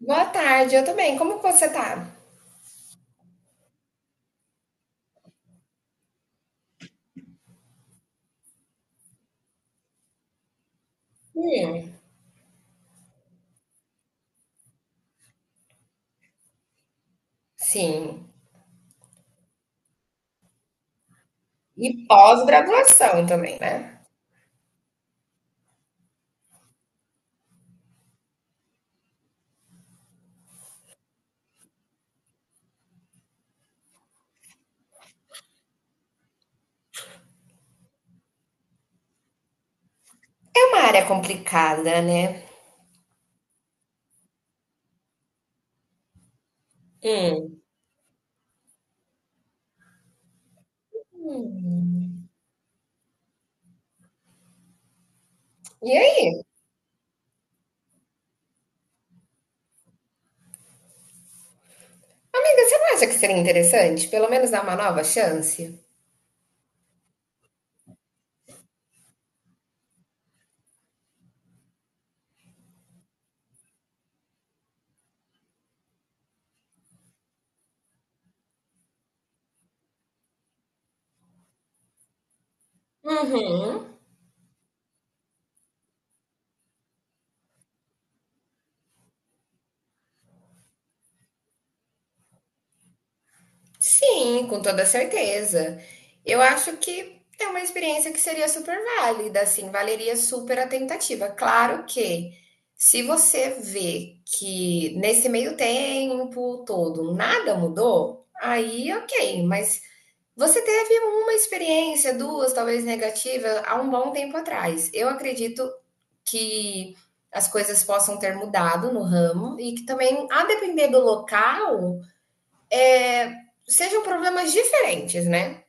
Boa tarde, eu também. Como que você tá? Hum, sim. E pós-graduação também, né? É uma área complicada, né? Hum. Hum. E aí? Amiga, você não acha que seria interessante pelo menos dar uma nova chance? Uhum. Sim, com toda certeza. Eu acho que é uma experiência que seria super válida, assim, valeria super a tentativa. Claro que se você vê que nesse meio tempo todo nada mudou, aí ok, mas você teve uma experiência, duas, talvez negativa, há um bom tempo atrás. Eu acredito que as coisas possam ter mudado no ramo e que também, a depender do local é, sejam problemas diferentes, né?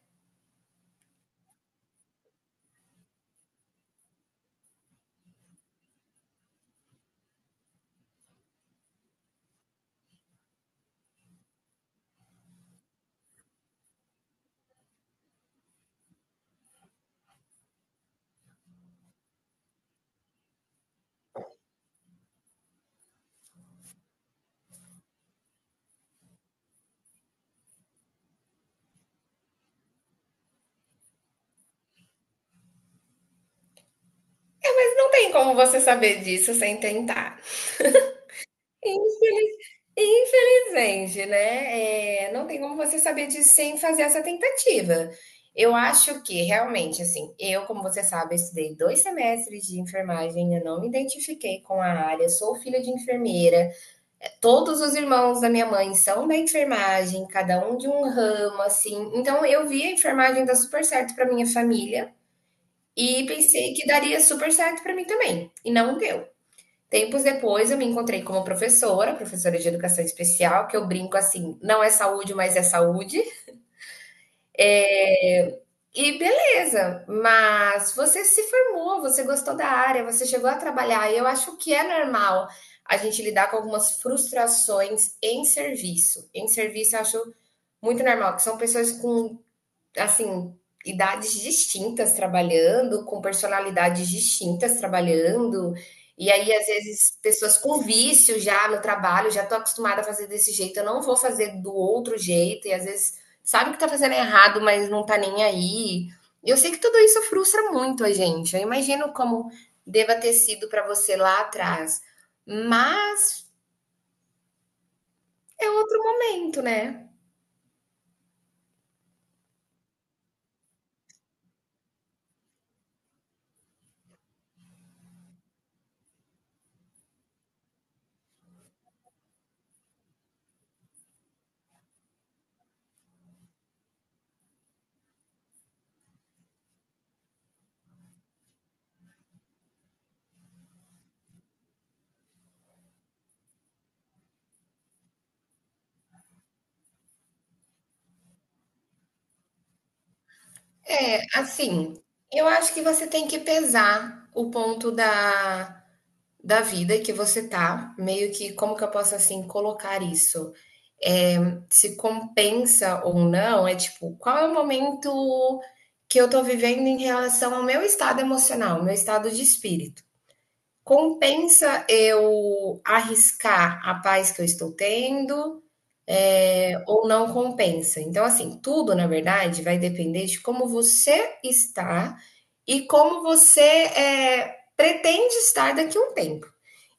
É, mas não tem como você saber disso sem tentar. Infelizmente, né? É, não tem como você saber disso sem fazer essa tentativa. Eu acho que realmente, assim, eu, como você sabe, estudei dois semestres de enfermagem, eu não me identifiquei com a área, sou filha de enfermeira. Todos os irmãos da minha mãe são da enfermagem, cada um de um ramo, assim. Então, eu vi a enfermagem dar super certo para minha família, e pensei que daria super certo para mim também, e não deu. Tempos depois eu me encontrei como professora, professora de educação especial, que eu brinco assim, não é saúde, mas é saúde. E beleza, mas você se formou, você gostou da área, você chegou a trabalhar, e eu acho que é normal a gente lidar com algumas frustrações em serviço. Em serviço eu acho muito normal, que são pessoas com assim, idades distintas trabalhando, com personalidades distintas trabalhando. E aí, às vezes, pessoas com vício já no trabalho, já estou acostumada a fazer desse jeito, eu não vou fazer do outro jeito, e às vezes sabe que está fazendo errado, mas não está nem aí. Eu sei que tudo isso frustra muito a gente. Eu imagino como deva ter sido para você lá atrás. Mas é outro momento, né? É, assim, eu acho que você tem que pesar o ponto da vida que você tá, meio que como que eu posso assim colocar isso? É, Se compensa ou não, é tipo, qual é o momento que eu tô vivendo em relação ao meu estado emocional, meu estado de espírito? Compensa eu arriscar a paz que eu estou tendo? Ou não compensa. Então, assim, tudo, na verdade, vai depender de como você está e como você é, pretende estar daqui a um tempo.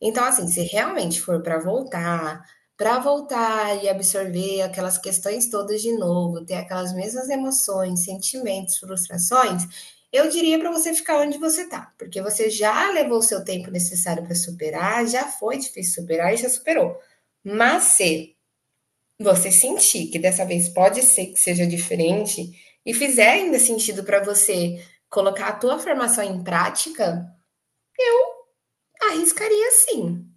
Então, assim, se realmente for para voltar e absorver aquelas questões todas de novo, ter aquelas mesmas emoções, sentimentos, frustrações, eu diria para você ficar onde você está, porque você já levou o seu tempo necessário para superar, já foi difícil superar e já superou. Mas se você sentir que dessa vez pode ser que seja diferente e fizer ainda sentido para você colocar a tua formação em prática, arriscaria sim.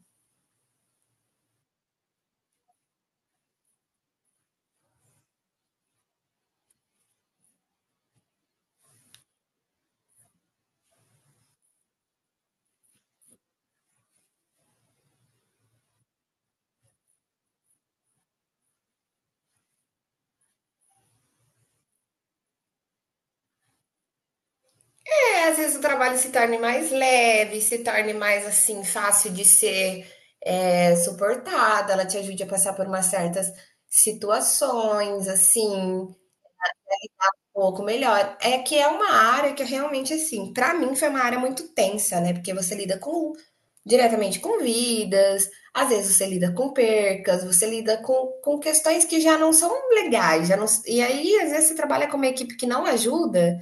É, às vezes o trabalho se torne mais leve, se torne mais assim fácil de ser suportada, ela te ajude a passar por umas certas situações, assim, um pouco melhor. É que é uma área que eu realmente, assim, pra mim foi uma área muito tensa, né? Porque você lida com diretamente com vidas, às vezes você lida com percas, você lida com questões que já não são legais, já não, e aí às vezes você trabalha com uma equipe que não ajuda,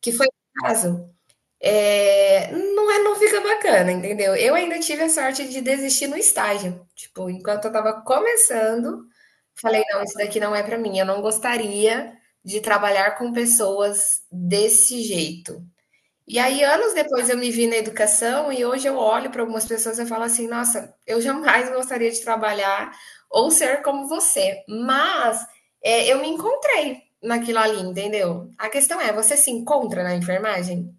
que foi o caso. É, não fica bacana, entendeu? Eu ainda tive a sorte de desistir no estágio. Tipo, enquanto eu tava começando, falei, não, isso daqui não é pra mim. Eu não gostaria de trabalhar com pessoas desse jeito. E aí, anos depois, eu me vi na educação e hoje eu olho para algumas pessoas e eu falo assim, nossa, eu jamais gostaria de trabalhar ou ser como você. Mas é, eu me encontrei naquilo ali, entendeu? A questão é, você se encontra na enfermagem?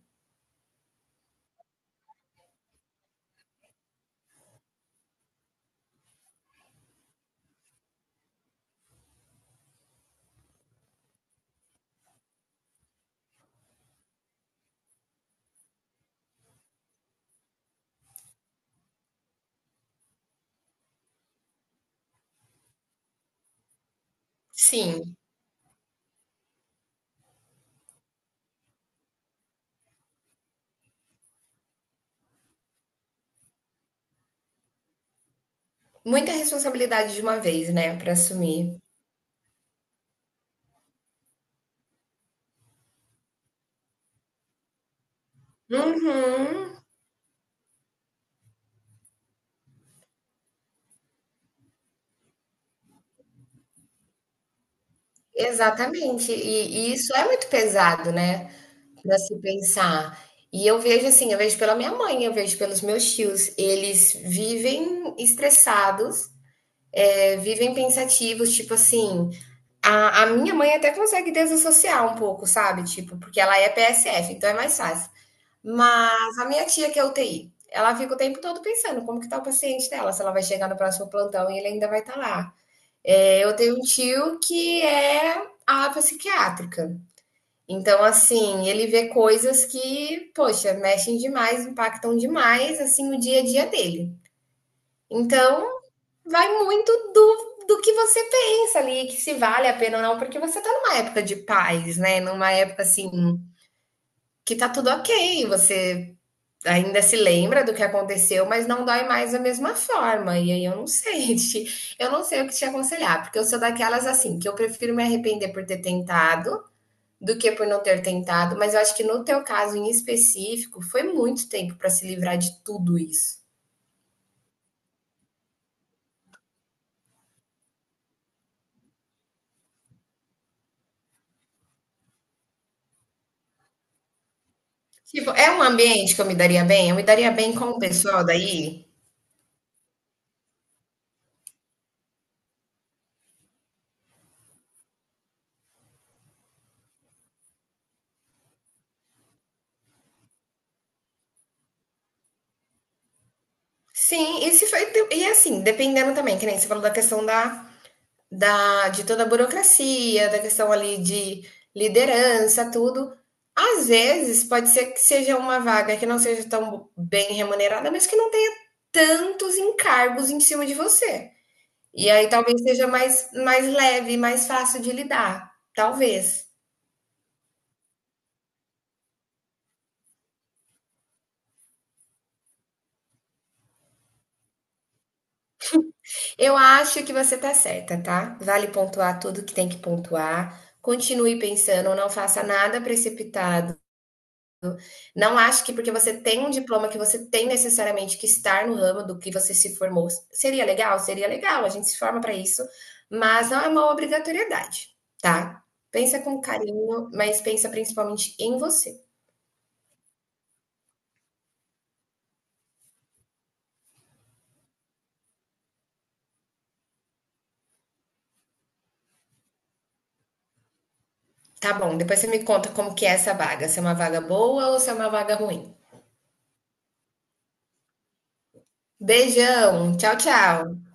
Sim. Muita responsabilidade de uma vez, né, para assumir. Uhum, exatamente. E isso é muito pesado, né, para se pensar. E eu vejo assim, eu vejo pela minha mãe, eu vejo pelos meus tios, eles vivem estressados, vivem pensativos, tipo assim, a minha mãe até consegue desassociar um pouco, sabe, tipo, porque ela é PSF, então é mais fácil. Mas a minha tia que é UTI, ela fica o tempo todo pensando como que tá o paciente dela, se ela vai chegar no próximo plantão e ele ainda vai estar lá. É, eu tenho um tio que é ala psiquiátrica. Então, assim, ele vê coisas que, poxa, mexem demais, impactam demais, assim, o dia a dia dele. Então, vai muito do que você pensa ali, que se vale a pena ou não, porque você tá numa época de paz, né? Numa época, assim, que tá tudo ok, você ainda se lembra do que aconteceu, mas não dói mais da mesma forma. E aí eu não sei, eu não sei o que te aconselhar, porque eu sou daquelas assim, que eu prefiro me arrepender por ter tentado do que por não ter tentado, mas eu acho que no teu caso em específico, foi muito tempo para se livrar de tudo isso. Tipo, é um ambiente que eu me daria bem? Eu me daria bem com o pessoal daí? Sim, e se foi, e assim, dependendo também, que nem você falou da questão da, de toda a burocracia, da questão ali de liderança, tudo. Às vezes pode ser que seja uma vaga que não seja tão bem remunerada, mas que não tenha tantos encargos em cima de você. E aí talvez seja mais, mais leve, mais fácil de lidar. Talvez. Eu acho que você tá certa, tá? Vale pontuar tudo que tem que pontuar. Continue pensando, não faça nada precipitado. Não acho que porque você tem um diploma que você tem necessariamente que estar no ramo do que você se formou. Seria legal? Seria legal, a gente se forma para isso, mas não é uma obrigatoriedade, tá? Pensa com carinho, mas pensa principalmente em você. Tá bom, depois você me conta como que é essa vaga, se é uma vaga boa ou se é uma vaga ruim. Beijão, tchau, tchau.